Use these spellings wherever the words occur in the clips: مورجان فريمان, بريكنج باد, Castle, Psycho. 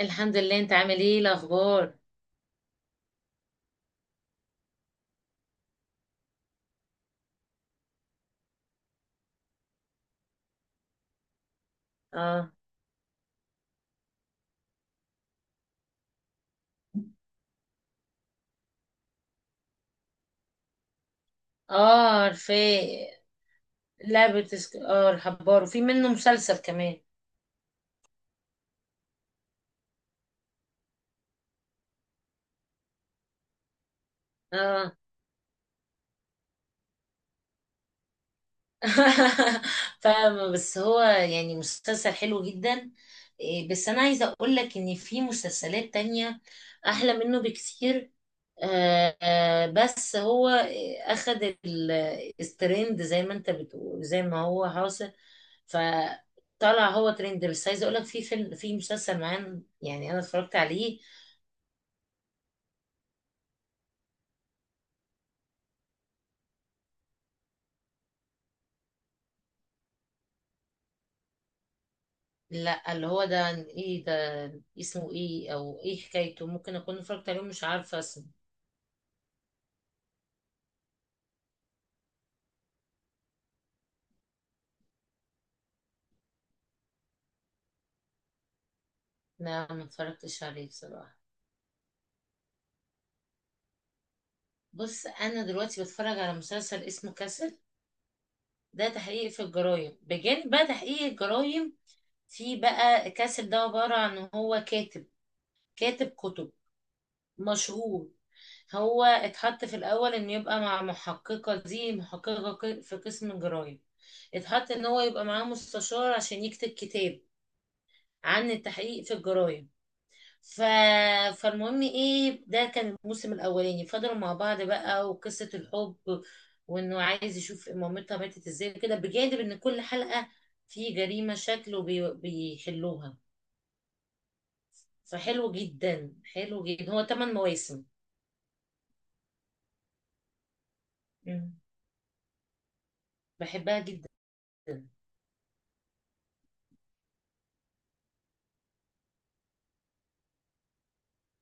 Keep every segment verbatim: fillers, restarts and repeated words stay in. الحمد لله، انت عامل ايه؟ إيه الاخبار؟ اه. اه، عارفاه. لعبة سك... اه، الحبار، وفي منه مسلسل كمان. اه. فاهمة، بس هو يعني مسلسل حلو جدا. إيه، بس انا عايزة اقول لك ان في مسلسلات تانية احلى منه بكتير. آه آه، بس هو آه، اخد ال- الترند زي ما انت بتقول زي ما هو حاصل. فطلع هو ترند، بس عايزه اقول لك في فيلم، في مسلسل معين يعني انا اتفرجت عليه. لا، اللي هو ده ايه ده؟ اسمه ايه، او ايه حكايته؟ ممكن اكون اتفرجت عليه مش عارفه اسمه. لا، ما اتفرجتش عليه بصراحه. بص، انا دلوقتي بتفرج على مسلسل اسمه كاسل. ده تحقيق في الجرايم، بجانب بقى تحقيق الجرايم، في بقى كاسل ده عباره عن هو كاتب، كاتب كتب مشهور. هو اتحط في الأول إنه يبقى مع محققة، دي محققة ق- في قسم الجرايم. اتحط إن هو يبقى معاه مستشار عشان يكتب كتاب عن التحقيق في الجرايم. ف... فالمهم ايه، ده كان الموسم الأولاني، فضلوا مع بعض بقى، وقصة الحب، وإنه عايز يشوف مامتها ماتت ازاي كده، بجانب إن كل حلقة في جريمة شكله بي... بيحلوها. فحلو جدا، حلو جدا، هو تمن مواسم. مم. بحبها جدا.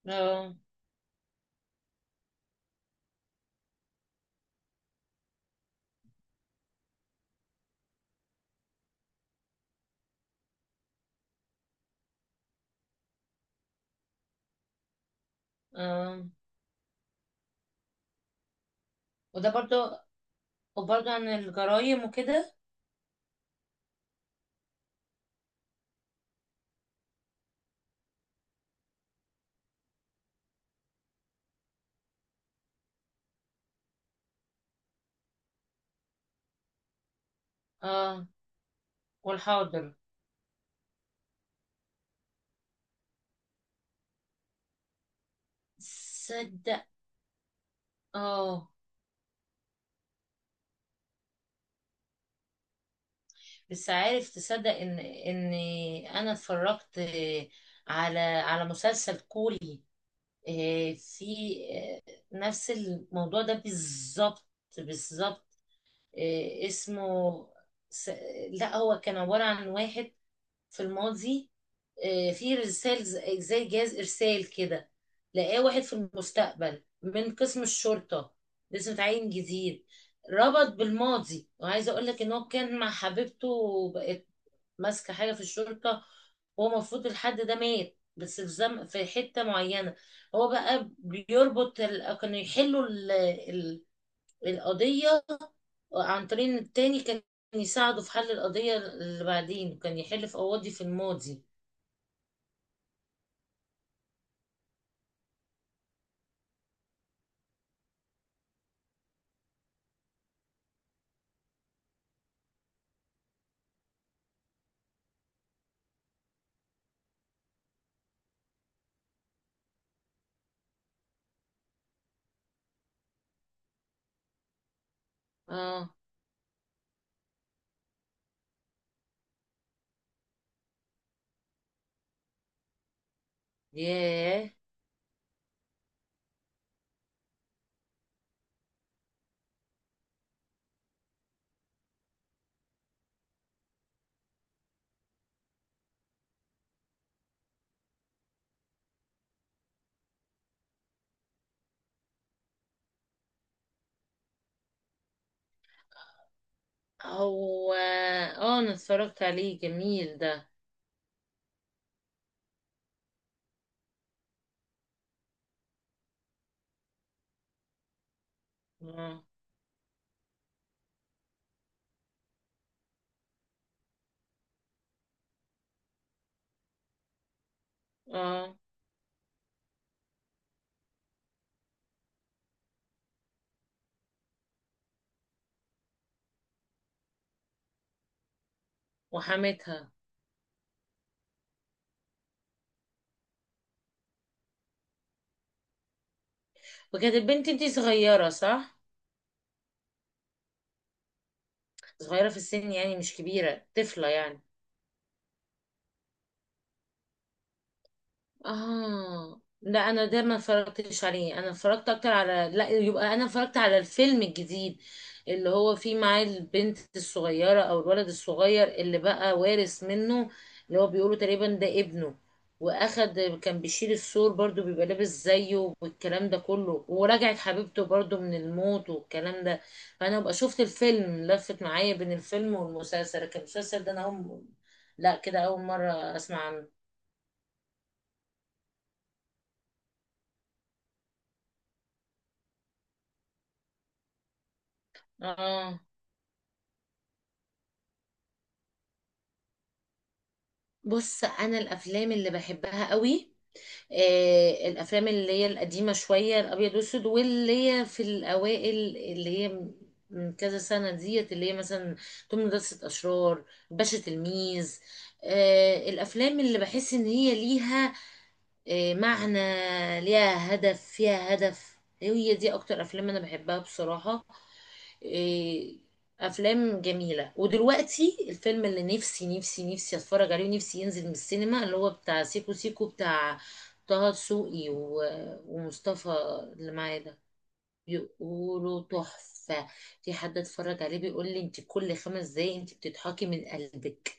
اه. اه، وده برضو، وبرضو عن الجرايم وكده. اه، والحاضر. تصدق. اه، بس عارف، تصدق ان ان انا اتفرجت على على مسلسل كوري. آه، في آه، نفس الموضوع ده بالظبط، بالظبط. آه، اسمه س- لا، هو كان عبارة عن واحد في الماضي، آه، في رسالة ز- زي جهاز إرسال كده. لقاه واحد في المستقبل من قسم الشرطة، لسه متعين جديد، ربط بالماضي. وعايزة أقول لك إن هو كان مع حبيبته، وبقت ماسكة حاجة في الشرطة، وهو المفروض الحد ده مات، بس في زم... في حتة معينة هو بقى بيربط ال... كانوا يحلوا ال... ال... القضية عن طريق إن التاني كان يساعده في حل القضية، اللي بعدين كان يحل في قواضي في الماضي. اه. ياه. هو اه انا اتفرجت عليه، جميل ده. اه. اه، وحماتها. وكانت البنت دي صغيرة صح؟ صغيرة في السن يعني، مش كبيرة طفلة يعني. اه، لا، انا ده ما اتفرجتش عليه، انا اتفرجت اكتر على لا، يبقى انا اتفرجت على الفيلم الجديد، اللي هو فيه معاه البنت الصغيرة او الولد الصغير اللي بقى وارث منه، اللي هو بيقولوا تقريبا ده ابنه، واخد كان بيشيل السور برضو، بيبقى لابس زيه والكلام ده كله، ورجعت حبيبته برضو من الموت والكلام ده. فانا بقى شفت الفيلم، لفت معايا بين الفيلم والمسلسل، كان المسلسل ده انا اول، لا كده اول مرة اسمع عنه. اه، بص انا الافلام اللي بحبها قوي آه الافلام اللي هي القديمه شويه، الابيض والاسود، واللي هي في الاوائل، اللي هي من كذا سنه ديت، اللي هي مثلا توم، مدرسه اشرار، باشا تلميذ. آه الافلام اللي بحس ان هي ليها آه معنى، ليها هدف، فيها هدف، هي دي اكتر افلام انا بحبها بصراحه. إيه، افلام جميله. ودلوقتي الفيلم اللي نفسي نفسي نفسي اتفرج عليه، ونفسي ينزل من السينما، اللي هو بتاع سيكو سيكو بتاع طه دسوقي و- ومصطفى اللي معايا ده. بيقولوا تحفه، في حد اتفرج عليه بيقول لي انت كل خمس دقايق انت بتضحكي من قلبك.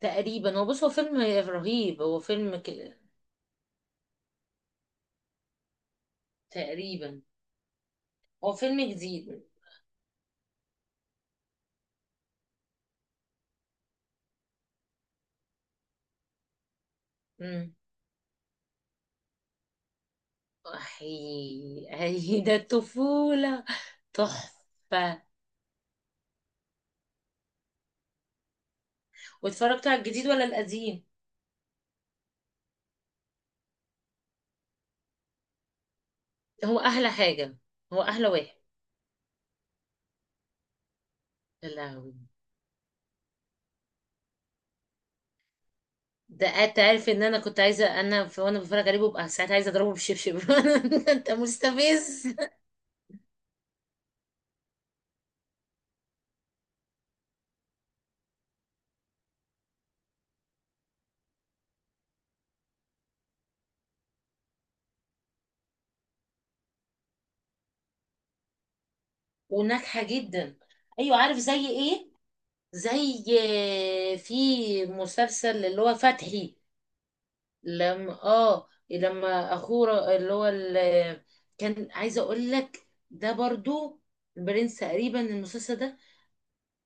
تقريبا هو، بص هو فيلم رهيب، هو فيلم ك... تقريبا هو فيلم جديد. امم. احي. اهي ده الطفوله. تحفه. واتفرجت على الجديد ولا القديم؟ هو احلى حاجه، هو احلى واحد. يا لهوي. ده انت عارف ان انا كنت عايزه، انا في وانا بتفرج عليه ببقى ساعات عايزه اضربه بالشبشب. انت مستفز. وناجحه جدا. ايوه، عارف زي ايه؟ زي في مسلسل اللي هو فتحي، لما اه لما اخوه اللي هو ال- كان عايزه اقول لك ده برضو، البرنس تقريبا المسلسل ده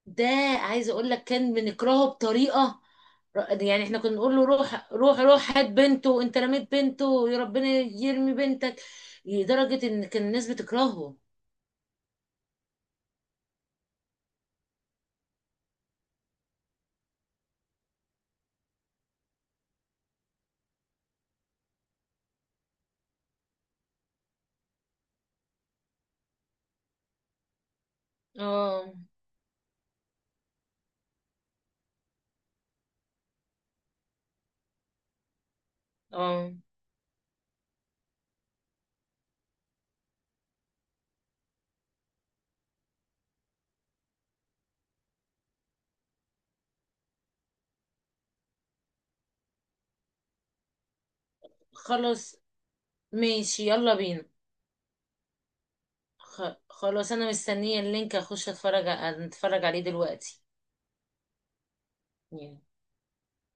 ده عايزه اقول لك كان بنكرهه بطريقه، يعني احنا كنا نقول له روح روح روح، هات بنته، انت رميت بنته، يا ربنا يرمي بنتك، لدرجه ان كان الناس بتكرهه. اه. اه. خلاص، ماشي يلا بينا. خ- خلاص، انا مستنيه اللينك اخش اتفرج اتفرج عليه دلوقتي.